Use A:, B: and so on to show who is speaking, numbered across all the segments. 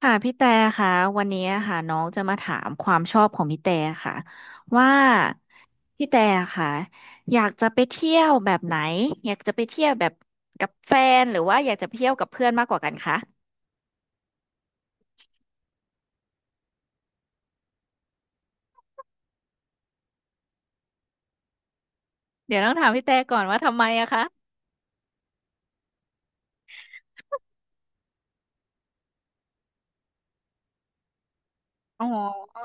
A: ค่ะพี่แต่ค่ะวันนี้ค่ะน้องจะมาถามความชอบของพี่แต่ค่ะว่าพี่แต่ค่ะอยากจะไปเที่ยวแบบไหนอยากจะไปเที่ยวแบบกับแฟนหรือว่าอยากจะไปเที่ยวกับเพื่อนมากกว่ากันคะเดี๋ยวต้องถามพี่แต่ก่อนว่าทำไมอะคะอ๋อ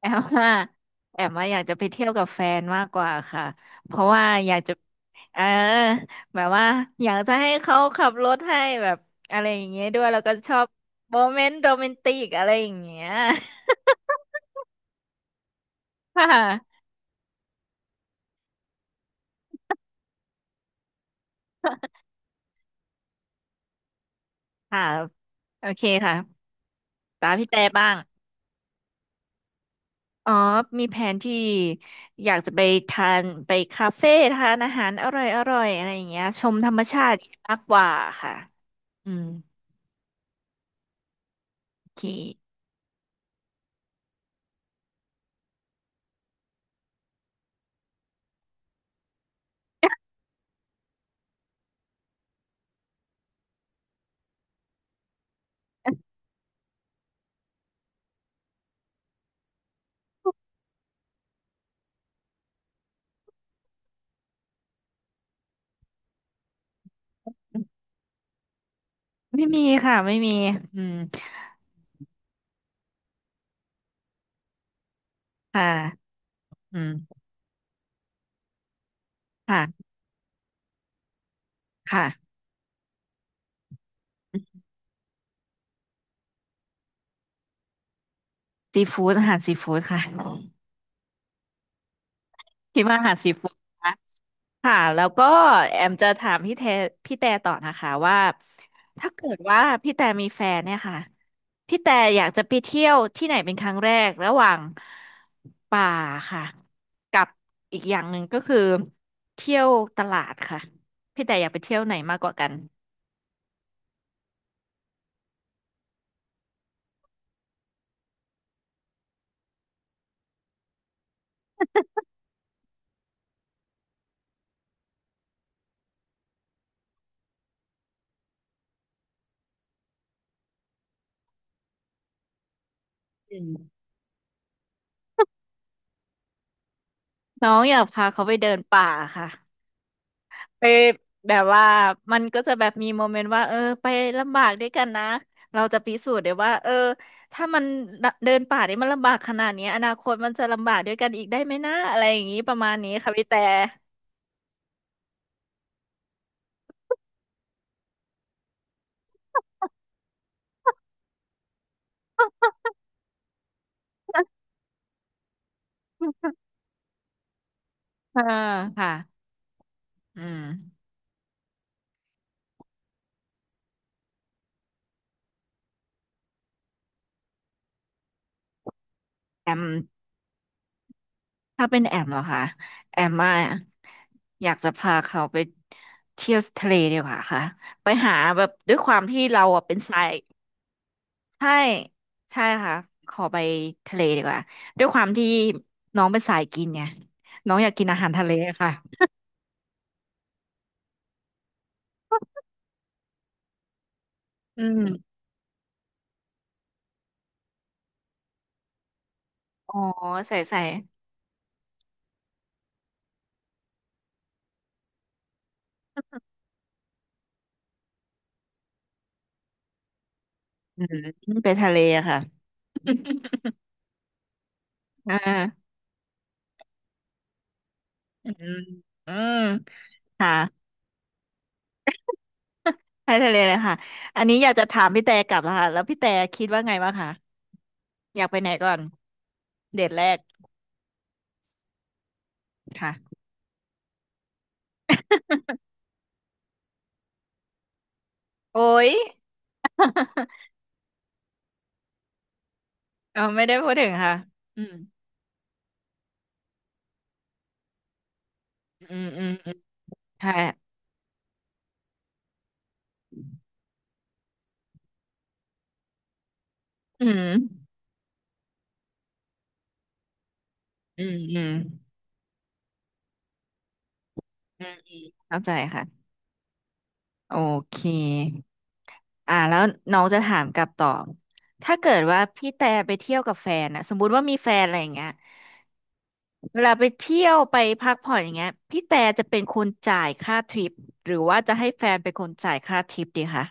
A: แอมว่าแอมว่าอยากจะไปเที่ยวกับแฟนมากกว่าค่ะ เพราะว่าอยากจะเออแบบว่าอยากจะให้เขาขับรถให้แบบอะไรอย่างเงี้ยด้วยแล้วก็ชอบโมเมนต์โรแมนติกอะไรอย่างเงี้ย ค่ะค่ะโอเคค่ะตามพี่แต่บ้างอ๋อมีแผนที่อยากจะไปทานไปคาเฟ่ทานอาหารอร่อยอร่อยอะไรอย่างเงี้ยชมธรรมชาติมากกว่าค่ะอืมโอเค ไม่มีค่ะไม่มีอืม ค่ะอืมค่ะค่ะซีฟู้ดอาหารซีฟู้ดค่ะ คิดว่าอาหารซีฟู้ดนะค่ะ แล้วก็แอมจะถามพี่แทพี่แต่ต่อนะคะว่า ถ้าเกิดว่าพี่แต่มีแฟนเนี่ยค่ะ พี่แต่อยากจะไปเที่ยวที่ไหนเป็นครั้งแรก ระหว่างป่าค่ะกับอีกอย่างหนึ่งก็คือเที่ยวตลาดค่ะ พี่แต่อยากไปเที่ยวไหนมากกว่ากันอืมน้องอยากพาเขาไปเดินป่าค่ะ ไปแบบว่ามันก็จะแบบมีโมเมนต์ว่าเออไปลำบากด้วยกันนะเราจะพิสูจน์เดี๋ยวว่าเออถ้ามันเดินป่าเนี่ยมันลำบากขนาดนี้อนาคตมันจะลำบากด้วยกันอีกได้ไหมนะอะไรอย่างนี้ประมาณนี้ค่ะพี่แต่อ่าค่ะอืมแอมถ้าเป็นแอมเหรอคะแอมมาอยากจะพาเขาไปเที่ยวทะเลดีกว่าค่ะไปหาแบบด้วยความที่เราอ่ะเป็นสาย ใช่ใช่ค่ะขอไปทะเลดีกว่าด้วยความที่น้องเป็นสายกินไงน้องอยากกินอาหารทะเลค่ะอืมอ๋อใส่ใส่อืมไปทะเลอะค่ะอ่าอืมอืมค่ะไปทะเลเลยค่ะอันนี้อยากจะถามพี่แต่กลับแล้วค่ะแล้วพี่แต่คิดว่าไงบ้างคะอยากไปไหนก่อนเดทแรกค่ะโอ้ย เอาไม่ได้พูดถึงค่ะอืมอืมอืมอืมใช่อืมอืมอืมอืม เข้าใจค่ะโอเคอ่าแล้วน้องจะถามกลับต่อถ้าเกิดว่าพี่แต่ไปเที่ยวกับแฟนนะสมมุติว่ามีแฟนอะไรอย่างเงี้ยเวลาไปเที่ยวไปพักผ่อนอย่างเงี้ยพี่แต่จะเป็นคนจ่ายค่าทริปหรือว่าจะให้แฟนเป็นคนจ่ายค่าทริปดีคะ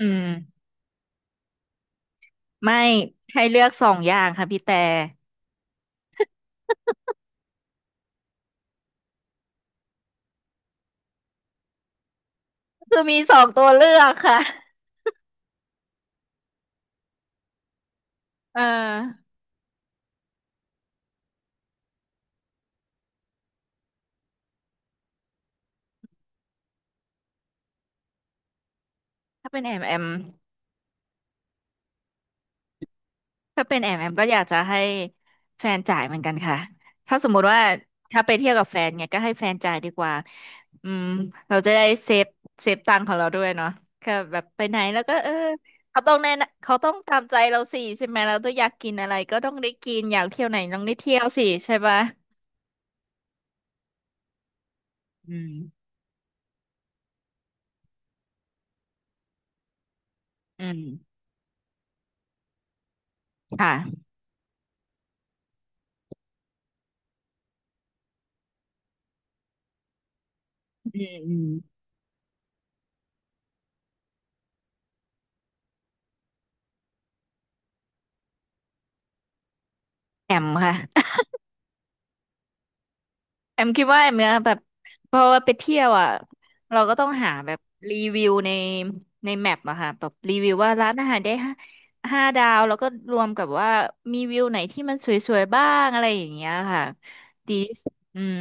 A: อืมไม่ให้เลือกสองอย่างค่ะพี่แต่คือมีสองตัวเลือกค่ะเออถ้าเป็นแอมแอม ถ้าเป็นแอมก็อยากจะให้แฟนจ่ายเหมือนกันค่ะถ้าสมมุติว่าถ้าไปเที่ยวกับแฟนเนี่ยก็ให้แฟนจ่ายดีกว่าอืมเราจะได้เซฟตังค์ของเราด้วยเนาะค่ะแบบไปไหนแล้วก็เออเขาต้องแน่นเขาต้องตามใจเราสิใช่ไหมเราต้องอยากกินอะไรก็ต้องได้กินอยากเที่ยวไหนต้องได้เที่ยวสิใช่ปะอืมอืมค่ะอืมอืมแอมค่ะ แอมคิดว่าแอมเนี่ยแบบพอไปเที่ยวอ่ะเราก็ต้องหาแบบรีวิวในแมปอะค่ะแบบรีวิวว่าร้านอาหารได้ห้าดาวแล้วก็รวมกับว่ามีวิวไหนที่มันสวยๆบ้างอะไรอย่างเงี้ยค่ะดีอืม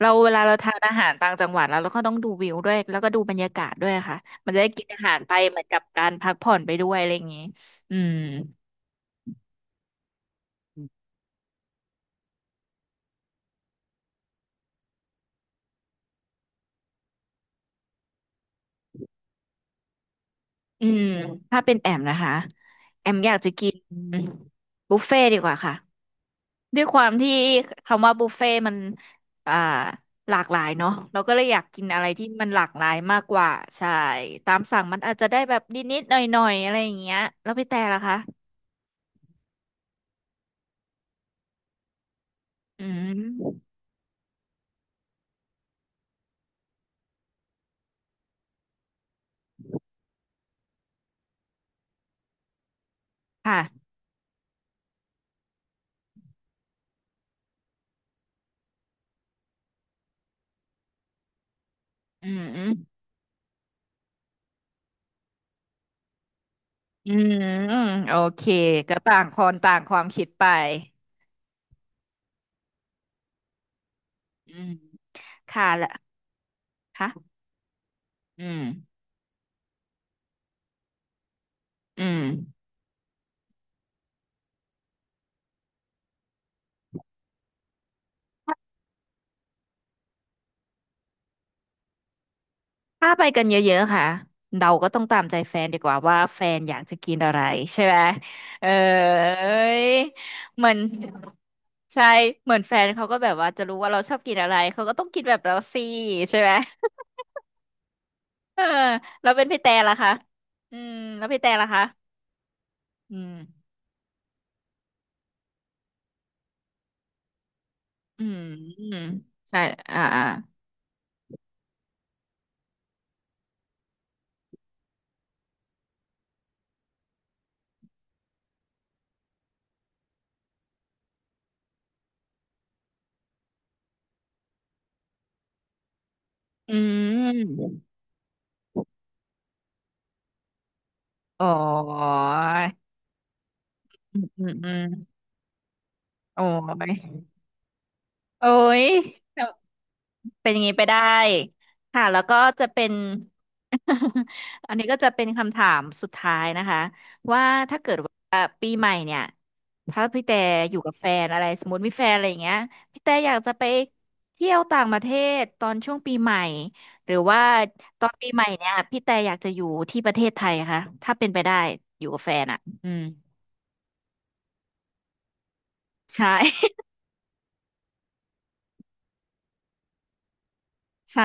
A: เวลาเราทานอาหารต่างจังหวัดแล้วเราก็ต้องดูวิวด้วยแล้วก็ดูบรรยากาศด้วยค่ะมันจะได้กินอาหารไปเหมือนกับการพักผ่อนไปด้วยอะไรอย่างงี้อืมอืมถ้าเป็นแอมนะคะแอมอยากจะกินบุฟเฟ่ดีกว่าค่ะ ด้วยความที่คำว่าบุฟเฟ่ต์มันอ่าหลากหลายเนาะเราก็เลยอยากกินอะไรที่มันหลากหลายมากกว่า ใช่ตามสั่งมันอาจจะได้แบบนิดๆหน่อยๆอะไรอย่างเงี้ยแล้วพี่แต่ล่ะคะอืมค่ะอืมอืมโอเคก็ต่างคนต่างความคิดไปอืมค่ะละค่ะอืมอืม ถ้าไปกันเยอะๆค่ะ เราก็ต้องตามใจแฟนดีกว่าว่าแฟนอยากจะกินอะไรใช่ไหมเออเหมือนใช่เหมือนแฟนเขาก็แบบว่าจะรู้ว่าเราชอบกินอะไร เขาก็ต้องกินแบบเราสิใช่ไหมเออเราเป็นพี่แต่ละคะอืมแล้วพี่แต่ละคะอืมอืมอืมใช่อ่าอ่าอืมอ๋ออืมอืมอืมโอ้ยโอ้ย เป็นอย่างนี้ไปได้ค่ะแล้วก็จะเป็น อันนี้ก็จะเป็นคำถามสุดท้ายนะคะว่าถ้าเกิดว่าปีใหม่เนี่ยถ้าพี่แต่อยู่กับแฟนอะไรสมมติมีแฟนอะไรอย่างเงี้ยพี่แต่อยากจะไปเที่ยวต่างประเทศตอนช่วงปีใหม่หรือว่าตอนปีใหม่เนี่ยพี่แต่อยากจะอยู่ที่ประเทศไทยค่ะถ้าเป็นไปได้อยู่กับแฟนอ่ะอืมใช่ ใช่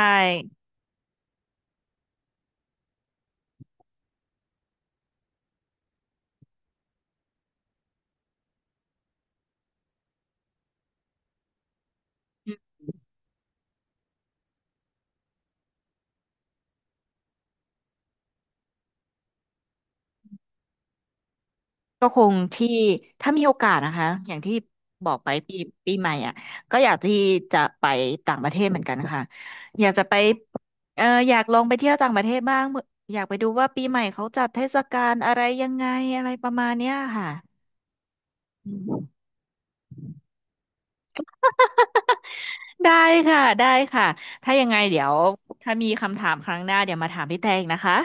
A: อื ก็คงที่ถ้ามีโอกาสนะคะอย่างที่บอกไปปีใหม่อ่ะก็อยากที่จะไปต่างประเทศเหมือนกันค่ะอยากจะไปเอออยากลองไปเที่ยวต่างประเทศบ้างอยากไปดูว่าปีใหม่เขาจัดเทศกาลอะไรยังไงอะไรประมาณเนี้ยค่ะอืมได้ค่ะได้ค่ะถ้ายังไงเดี๋ยวถ้ามีคำถามครั้งหน้าเดี๋ยวมาถามพี่แตงนะคะ